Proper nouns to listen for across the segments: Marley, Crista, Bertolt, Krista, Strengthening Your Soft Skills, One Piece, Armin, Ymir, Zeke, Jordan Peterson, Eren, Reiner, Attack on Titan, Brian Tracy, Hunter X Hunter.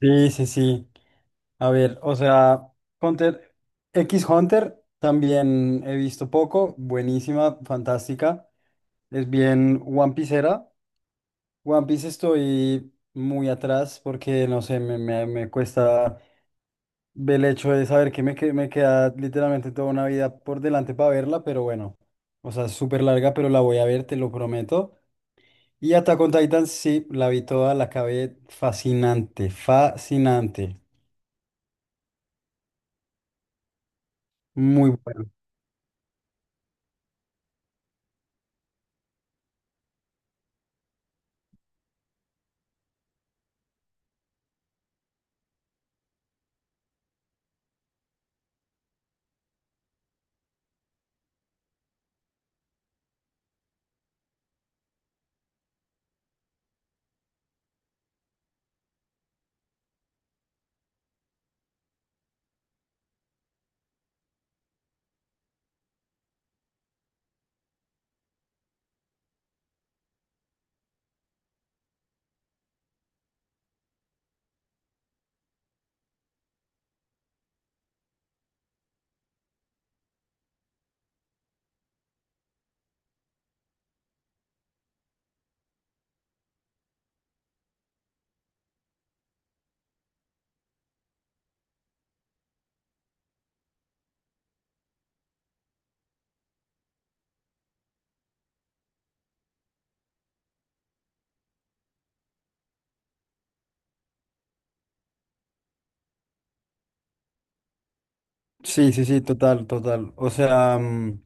Sí, sí, sí. A ver, o sea, Hunter, X Hunter también he visto poco, buenísima, fantástica. Es bien One Piecera. One Piece estoy muy atrás porque, no sé, me cuesta ver el hecho de saber que me queda literalmente toda una vida por delante para verla, pero bueno, o sea, es súper larga, pero la voy a ver, te lo prometo. Y Attack on Titan, sí, la vi toda, la acabé fascinante, fascinante. Muy buena. Sí, sí, sí, total, total. O sea,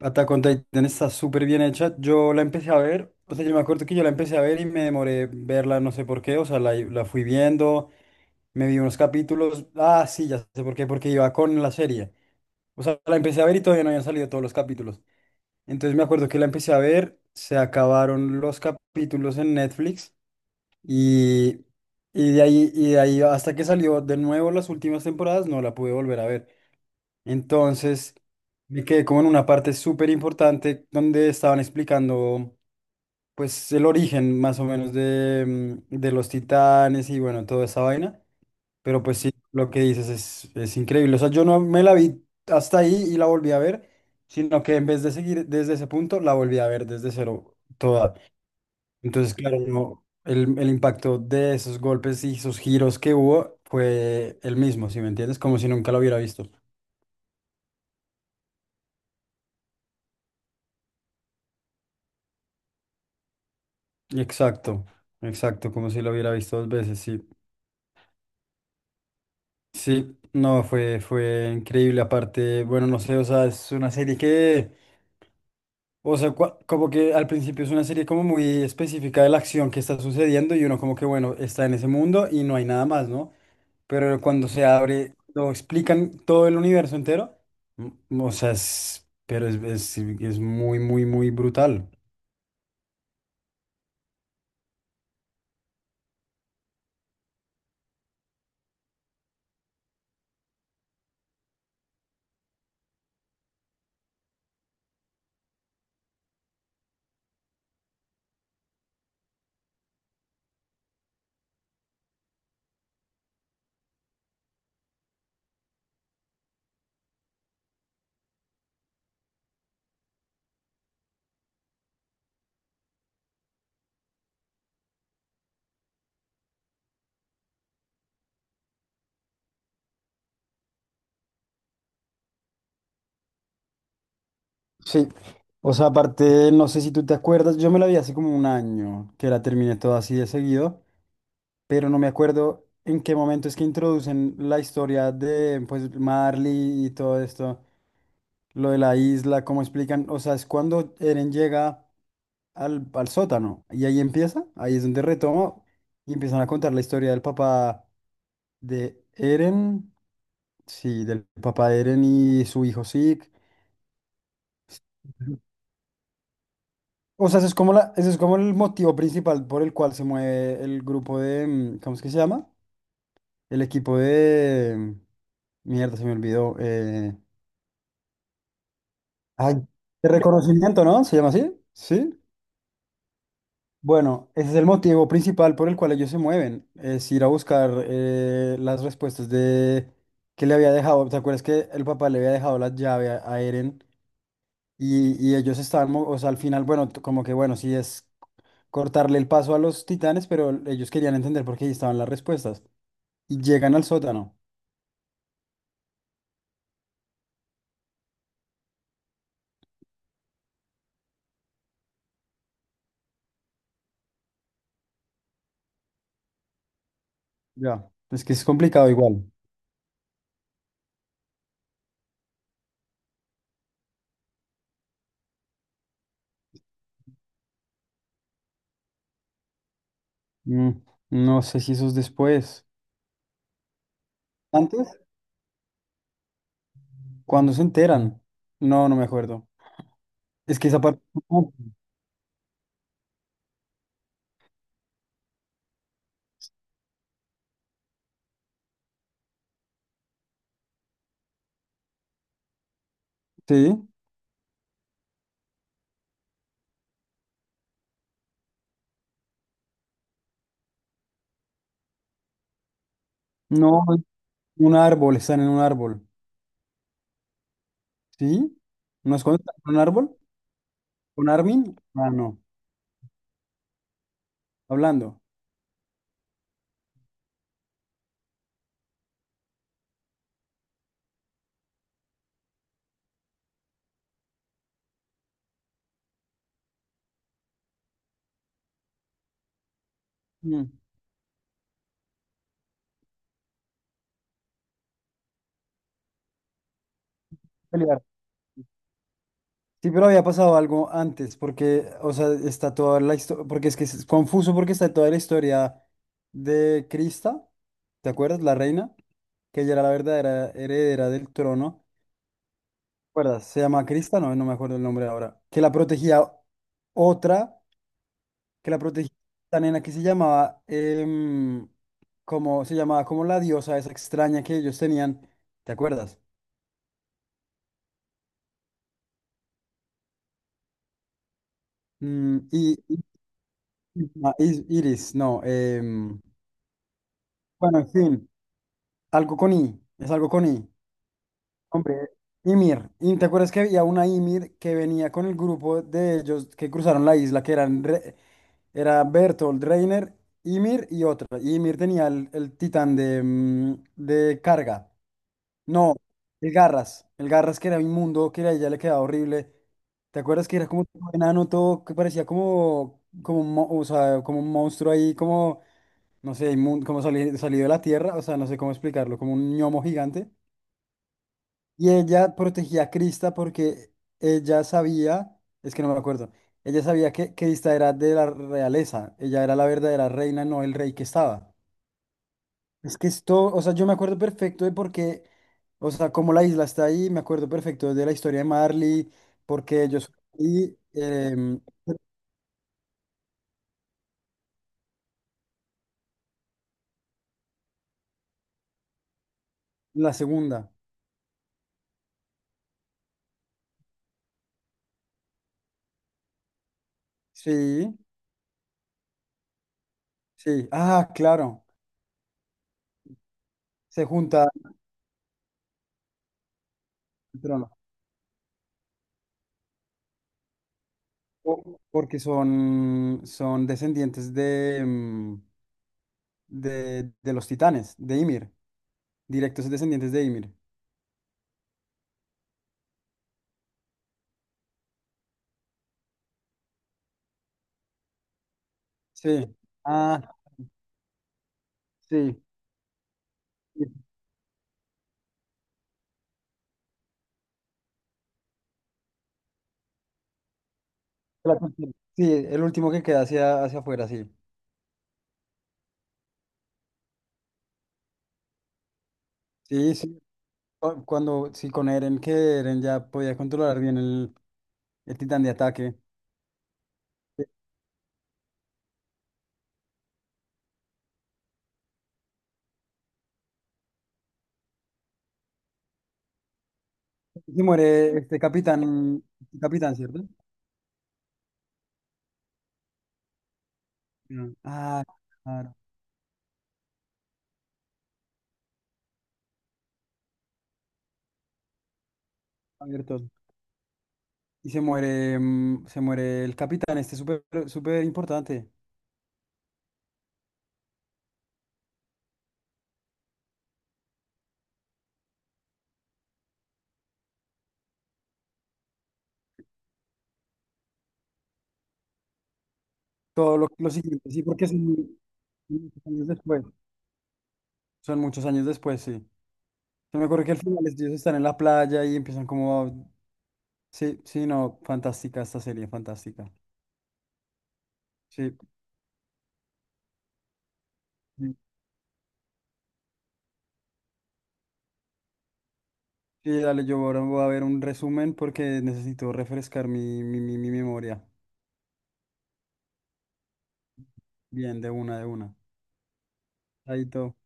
Attack on Titan está súper bien hecha. Yo la empecé a ver, o sea, yo me acuerdo que yo la empecé a ver y me demoré verla, no sé por qué, o sea, la fui viendo, me vi unos capítulos. Ah, sí, ya sé por qué, porque iba con la serie. O sea, la empecé a ver y todavía no habían salido todos los capítulos. Entonces me acuerdo que la empecé a ver, se acabaron los capítulos en Netflix y, y de ahí hasta que salió de nuevo las últimas temporadas, no la pude volver a ver. Entonces, me quedé como en una parte súper importante donde estaban explicando, pues, el origen más o menos de, de los titanes y bueno, toda esa vaina. Pero pues sí, lo que dices es increíble. O sea, yo no me la vi hasta ahí y la volví a ver, sino que en vez de seguir desde ese punto, la volví a ver desde cero toda. Entonces, claro, no, el impacto de esos golpes y esos giros que hubo fue el mismo, ¿si me entiendes? Como si nunca lo hubiera visto. Exacto, exacto, como si lo hubiera visto dos veces, sí. Sí, no, fue increíble. Aparte, bueno, no sé, o sea, es una serie o sea, como que al principio es una serie como muy específica de la acción que está sucediendo y uno como que, bueno, está en ese mundo y no hay nada más, ¿no? Pero cuando se abre, lo explican todo el universo entero, o sea, pero es muy, muy, muy brutal. Sí, o sea, aparte, no sé si tú te acuerdas, yo me la vi hace como un año que la terminé toda así de seguido, pero no me acuerdo en qué momento es que introducen la historia de, pues, Marley y todo esto, lo de la isla, cómo explican, o sea, es cuando Eren llega al sótano y ahí empieza, ahí es donde retomo y empiezan a contar la historia del papá de Eren, sí, del papá de Eren y su hijo Zeke. O sea, ese es como la, ese es como el motivo principal por el cual se mueve el grupo de, ¿cómo es que se llama? El equipo de, mierda, se me olvidó. Ay, de reconocimiento, ¿no? ¿Se llama así? Sí. Bueno, ese es el motivo principal por el cual ellos se mueven, es ir a buscar las respuestas de que le había dejado. ¿Te acuerdas que el papá le había dejado la llave a Eren y ellos estaban, o sea, al final, bueno, como que bueno, si es cortarle el paso a los titanes, pero ellos querían entender por qué ahí estaban las respuestas. Y llegan al sótano. Ya. Es que es complicado igual. Mm, no sé si eso es después. ¿Antes? Cuando se enteran? No, no me acuerdo. Es que esa parte... no. Sí. No, un árbol, están en un árbol. ¿Sí? ¿No es cuando están en un árbol? ¿Con Armin? Ah, no. Hablando. Mm. Sí, pero había pasado algo antes, porque, o sea, está toda la historia, porque es que es confuso porque está toda la historia de Crista, ¿te acuerdas? La reina, que ella era la verdadera heredera del trono, ¿te acuerdas? Se llama Crista, no, no me acuerdo el nombre ahora, que la protegía otra, que la protegía esta nena que se llamaba, como, se llamaba como la diosa esa extraña que ellos tenían, ¿te acuerdas? Mm, y, y- ah, Iris, no, bueno, en fin. Algo con I, es algo con I. Hombre, Ymir. Y te acuerdas que había una Ymir que venía con el grupo de ellos que cruzaron la isla, que eran era Bertolt, Reiner, Ymir y otra. Y Ymir tenía el titán de, de carga. No, el Garras. El Garras que era inmundo, que a ella le quedaba horrible. ¿Te acuerdas que era como un enano todo que parecía como, como, o sea, como un monstruo ahí, como, no sé, salido de la tierra? O sea, no sé cómo explicarlo, como un ñomo gigante. Y ella protegía a Krista porque ella sabía, es que no me acuerdo, ella sabía que Krista era de la realeza, ella era la verdadera reina, no el rey que estaba. Es que esto, o sea, yo me acuerdo perfecto de por qué, o sea, como la isla está ahí, me acuerdo perfecto de la historia de Marley, porque ellos... Y la segunda, sí, sí, ah, claro, se junta el trono, o- porque son, son descendientes de... de los titanes, de Ymir, directos descendientes de Ymir. Sí. Ah, sí. Sí, la cuestión. Sí, el último que queda hacia, hacia afuera, sí. Sí, sí. Cuando, sí, con Eren, que Eren ya podía controlar bien el titán de ataque. Y muere este capitán, ¿cierto? No. Ah, claro, abierto. Y se muere, se muere el capitán, este súper, súper importante. Todo lo siguiente, sí, porque es un- unos años después. Son muchos años después, sí. Yo me acuerdo que al final ellos están en la playa y empiezan como... a- Sí, sí, no, fantástica esta serie, fantástica. Sí, sí, sí, dale, yo ahora voy a ver un resumen porque necesito refrescar mi memoria. Bien, de una, de una. Ahí todo.